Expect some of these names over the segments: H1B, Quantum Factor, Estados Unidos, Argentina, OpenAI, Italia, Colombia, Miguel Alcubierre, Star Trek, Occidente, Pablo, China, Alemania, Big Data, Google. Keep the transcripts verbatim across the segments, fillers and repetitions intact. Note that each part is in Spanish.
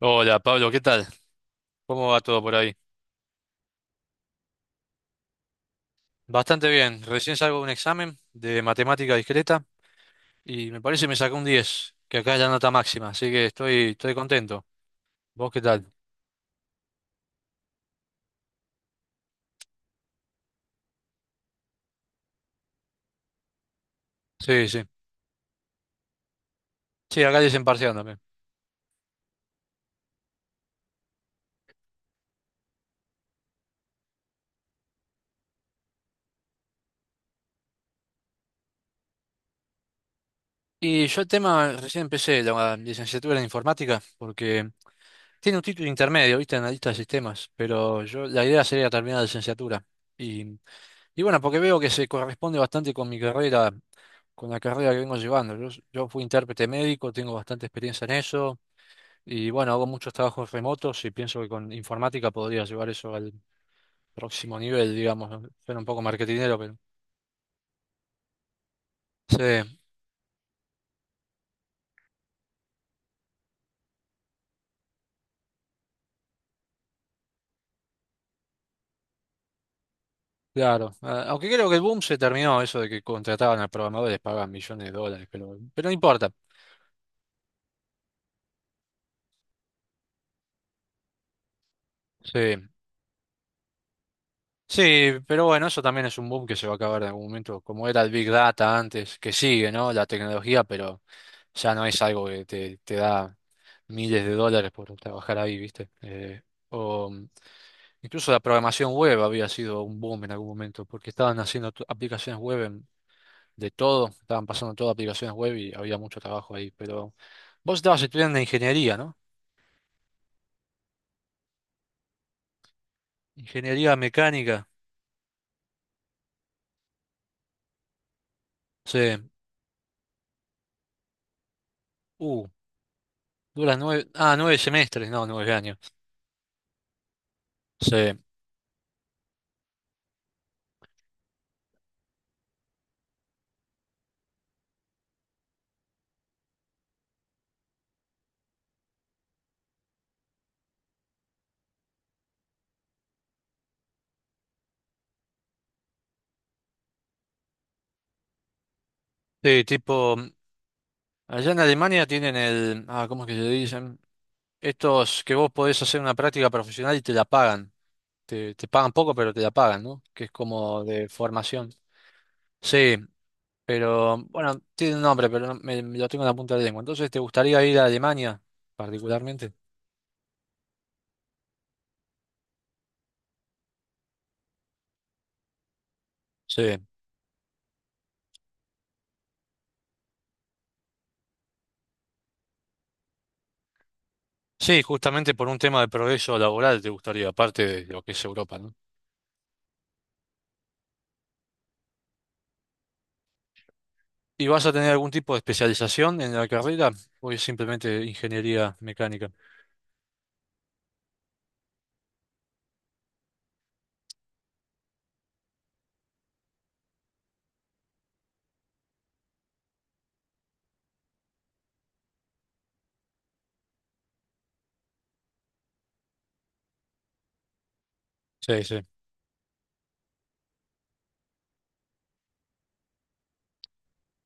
Hola Pablo, ¿qué tal? ¿Cómo va todo por ahí? Bastante bien. Recién salgo de un examen de matemática discreta y me parece que me sacó un diez, que acá es la nota máxima, así que estoy, estoy contento. ¿Vos qué tal? Sí, sí. Sí, acá dicen parcial también. Y yo el tema, recién empecé la licenciatura en informática porque tiene un título intermedio, ¿viste? Analista de sistemas, pero yo la idea sería terminar la licenciatura. Y, y bueno, porque veo que se corresponde bastante con mi carrera con la carrera que vengo llevando. Yo, yo fui intérprete médico, tengo bastante experiencia en eso y bueno, hago muchos trabajos remotos y pienso que con informática podría llevar eso al próximo nivel, digamos, ¿no? Suena un poco marketinero, pero sí, claro. Ah, aunque creo que el boom se terminó, eso de que contrataban a programadores, pagaban millones de dólares, pero, pero no importa. Sí. Sí, pero bueno, eso también es un boom que se va a acabar en algún momento, como era el Big Data antes, que sigue, ¿no? La tecnología, pero ya no es algo que te, te da miles de dólares por trabajar ahí, ¿viste? Eh, o mm, incluso la programación web había sido un boom en algún momento, porque estaban haciendo to- aplicaciones web en- de todo, estaban pasando todas aplicaciones web y había mucho trabajo ahí, pero vos estabas estudiando ingeniería, ¿no? Ingeniería mecánica, sí, uh, dura nueve, ah, nueve semestres, no, nueve años. Sí. Sí, tipo, allá en Alemania tienen el, ah, ¿cómo es que se dicen? Estos que vos podés hacer una práctica profesional y te la pagan. Te, te pagan poco, pero te la pagan, ¿no? Que es como de formación. Sí, pero bueno, tiene un nombre, pero no- me, me lo tengo en la punta de la lengua. Entonces, ¿te gustaría ir a Alemania particularmente? Sí. Sí, justamente por un tema de progreso laboral te gustaría, aparte de lo que es Europa, ¿no? ¿Y vas a tener algún tipo de especialización en la carrera o es simplemente ingeniería mecánica? Sí, sí.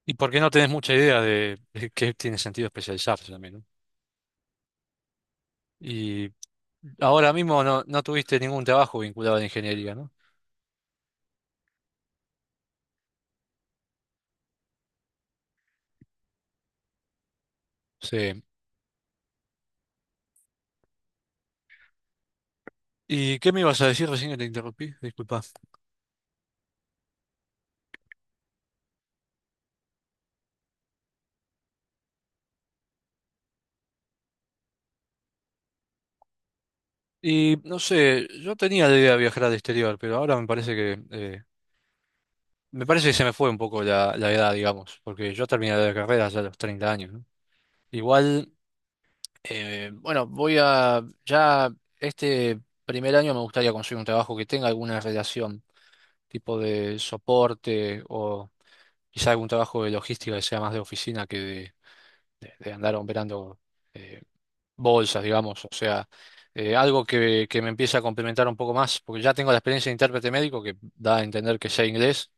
Y porque no tenés mucha idea de, de qué tiene sentido especializarse también, ¿no? Y ahora mismo no, no tuviste ningún trabajo vinculado a la ingeniería, ¿no? Sí. ¿Y qué me ibas a decir recién que te interrumpí? Disculpa. Y no sé, yo tenía la idea de viajar al exterior, pero ahora me parece que eh, me parece que se me fue un poco la, la edad, digamos, porque yo terminé la carrera ya a los treinta años, ¿no? Igual, eh, bueno, voy a, ya este primer año me gustaría conseguir un trabajo que tenga alguna relación, tipo de soporte o quizá algún trabajo de logística, que sea más de oficina que de, de- de andar operando eh, bolsas, digamos. O sea, eh, algo que, que me empiece a complementar un poco más, porque ya tengo la experiencia de intérprete médico que da a entender que sé inglés.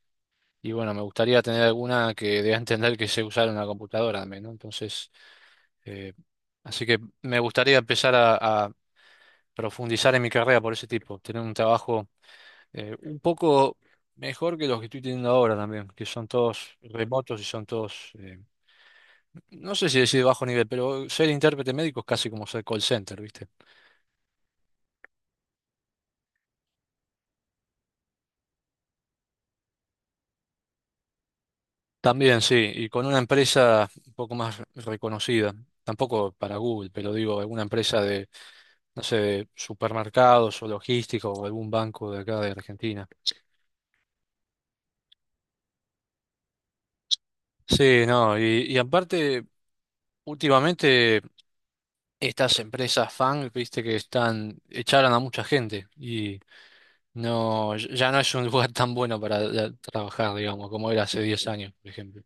Y bueno, me gustaría tener alguna que dé a entender que sé usar una computadora también, ¿no? Entonces, eh, así que me gustaría empezar a, a profundizar en mi carrera por ese tipo, tener un trabajo eh, un poco mejor que los que estoy teniendo ahora también, que son todos remotos y son todos, eh, no sé si decir bajo nivel, pero ser intérprete médico es casi como ser call center, ¿viste? También, sí, y con una empresa un poco más reconocida, tampoco para Google, pero digo, alguna empresa de, no sé, de supermercados o logísticos o algún banco de acá de Argentina. Sí, no, y, y aparte, últimamente estas empresas fan, viste que están, echaron a mucha gente y... No, ya ya no es un lugar tan bueno para ya trabajar, digamos, como era hace diez años, por ejemplo.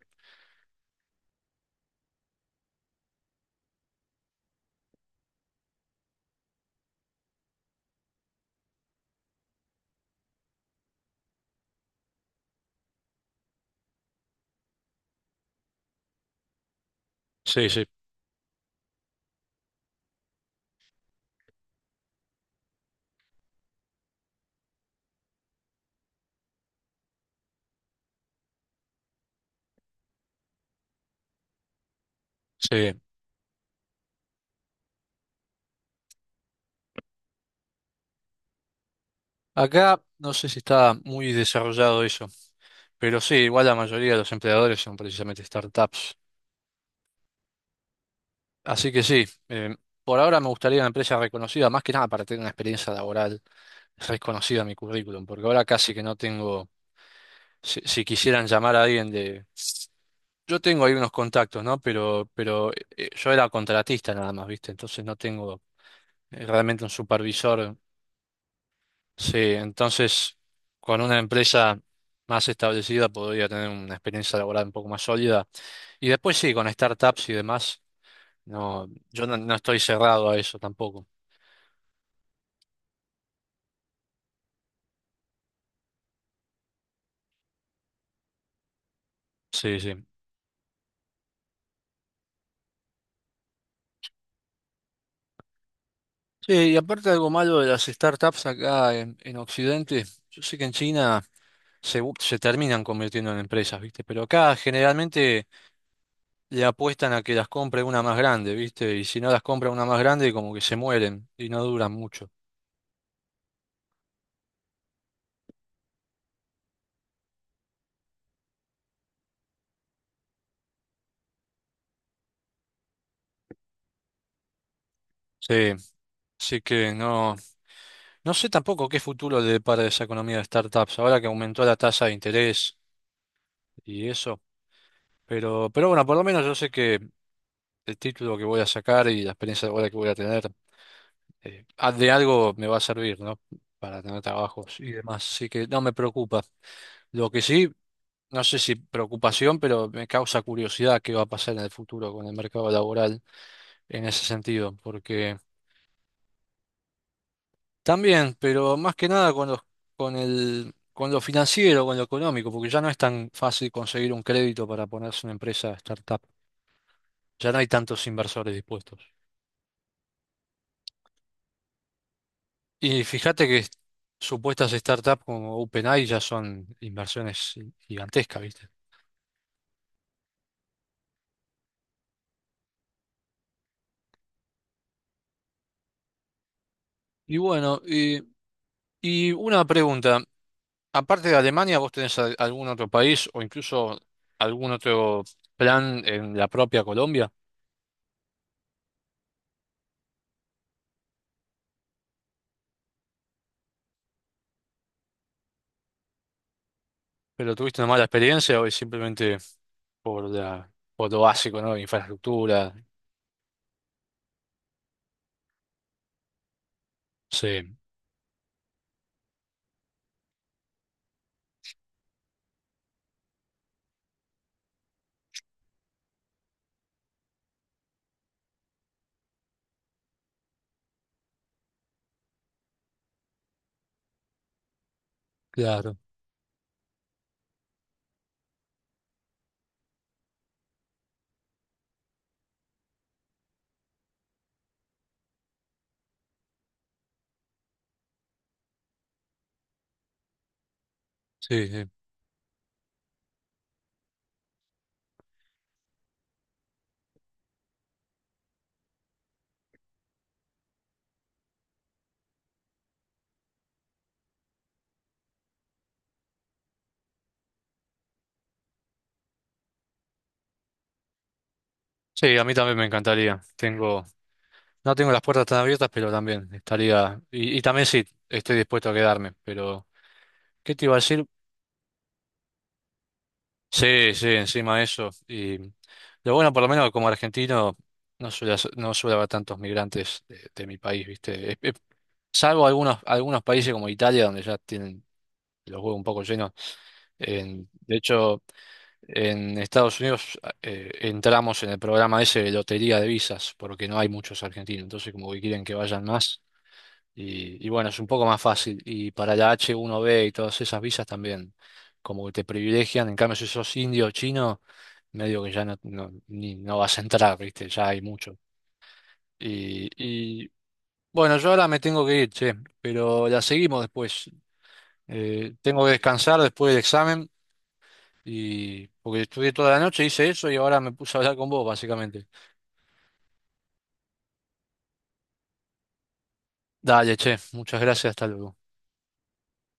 Sí, sí, sí. Acá no sé si está muy desarrollado eso, pero sí, igual la mayoría de los empleadores son precisamente startups. Así que sí, eh, por ahora me gustaría una empresa reconocida, más que nada para tener una experiencia laboral reconocida en mi currículum, porque ahora casi que no tengo, si, si quisieran llamar a alguien de... Yo tengo ahí unos contactos, ¿no? Pero, pero eh, yo era contratista nada más, ¿viste? Entonces no tengo... eh, realmente un supervisor. Sí, entonces con una empresa más establecida podría tener una experiencia laboral un poco más sólida. Y después sí, con startups y demás, no, yo no, no estoy cerrado a eso tampoco. Sí, sí. Sí, y aparte algo malo de las startups acá en, en Occidente, yo sé que en China se, bu- se terminan convirtiendo en empresas, ¿viste? Pero acá generalmente le apuestan a que las compre una más grande, ¿viste? Y si no las compra una más grande, como que se mueren y no duran mucho. Sí. Así que no, no, sé tampoco qué futuro le depara esa economía de startups, ahora que aumentó la tasa de interés y eso. Pero, pero bueno, por lo menos yo sé que el título que voy a sacar y la experiencia ahora que voy a tener, eh, a- de algo me va a servir, ¿no? Para tener trabajos y demás. Así que no me preocupa. Lo que sí, no sé si preocupación, pero me causa curiosidad qué va a pasar en el futuro con el mercado laboral en ese sentido, porque... También, pero más que nada con los, con el, con lo financiero, con lo económico, porque ya no es tan fácil conseguir un crédito para ponerse una empresa startup. Ya no hay tantos inversores dispuestos. Y fíjate que supuestas startups como OpenAI ya son inversiones gigantescas, ¿viste? Y bueno, y, y una pregunta. Aparte de Alemania, ¿vos tenés al- algún otro país o incluso algún otro plan en la propia Colombia? ¿Pero tuviste una mala experiencia o es simplemente... por la, por lo básico, ¿no? Infraestructura. Sí, claro. Sí, sí. Sí, a mí también me encantaría. Tengo, no tengo las puertas tan abiertas, pero también estaría, y, y también sí, estoy dispuesto a quedarme. Pero, ¿qué te iba a decir? Sí, sí, encima de eso. Y lo bueno, por lo menos como argentino, no suele, hacer- no suele haber tantos migrantes de, de mi país, ¿viste? Es- es- salvo algunos, algunos países como Italia, donde ya tienen los huevos un poco llenos. En- de hecho, en Estados Unidos eh, entramos en el programa ese de lotería de visas, porque no hay muchos argentinos, entonces como que quieren que vayan más. Y, y bueno, es un poco más fácil. Y para la H uno B y todas esas visas también, como que te privilegian. En cambio, si sos indio o chino, medio que ya no, no, ni- no vas a entrar, ¿viste? Ya hay mucho. Y, y bueno, yo ahora me tengo que ir, che, pero la seguimos después. Eh, tengo que descansar después del examen. Y porque estudié toda la noche, hice eso y ahora me puse a hablar con vos, básicamente. Dale, che, muchas gracias, hasta luego.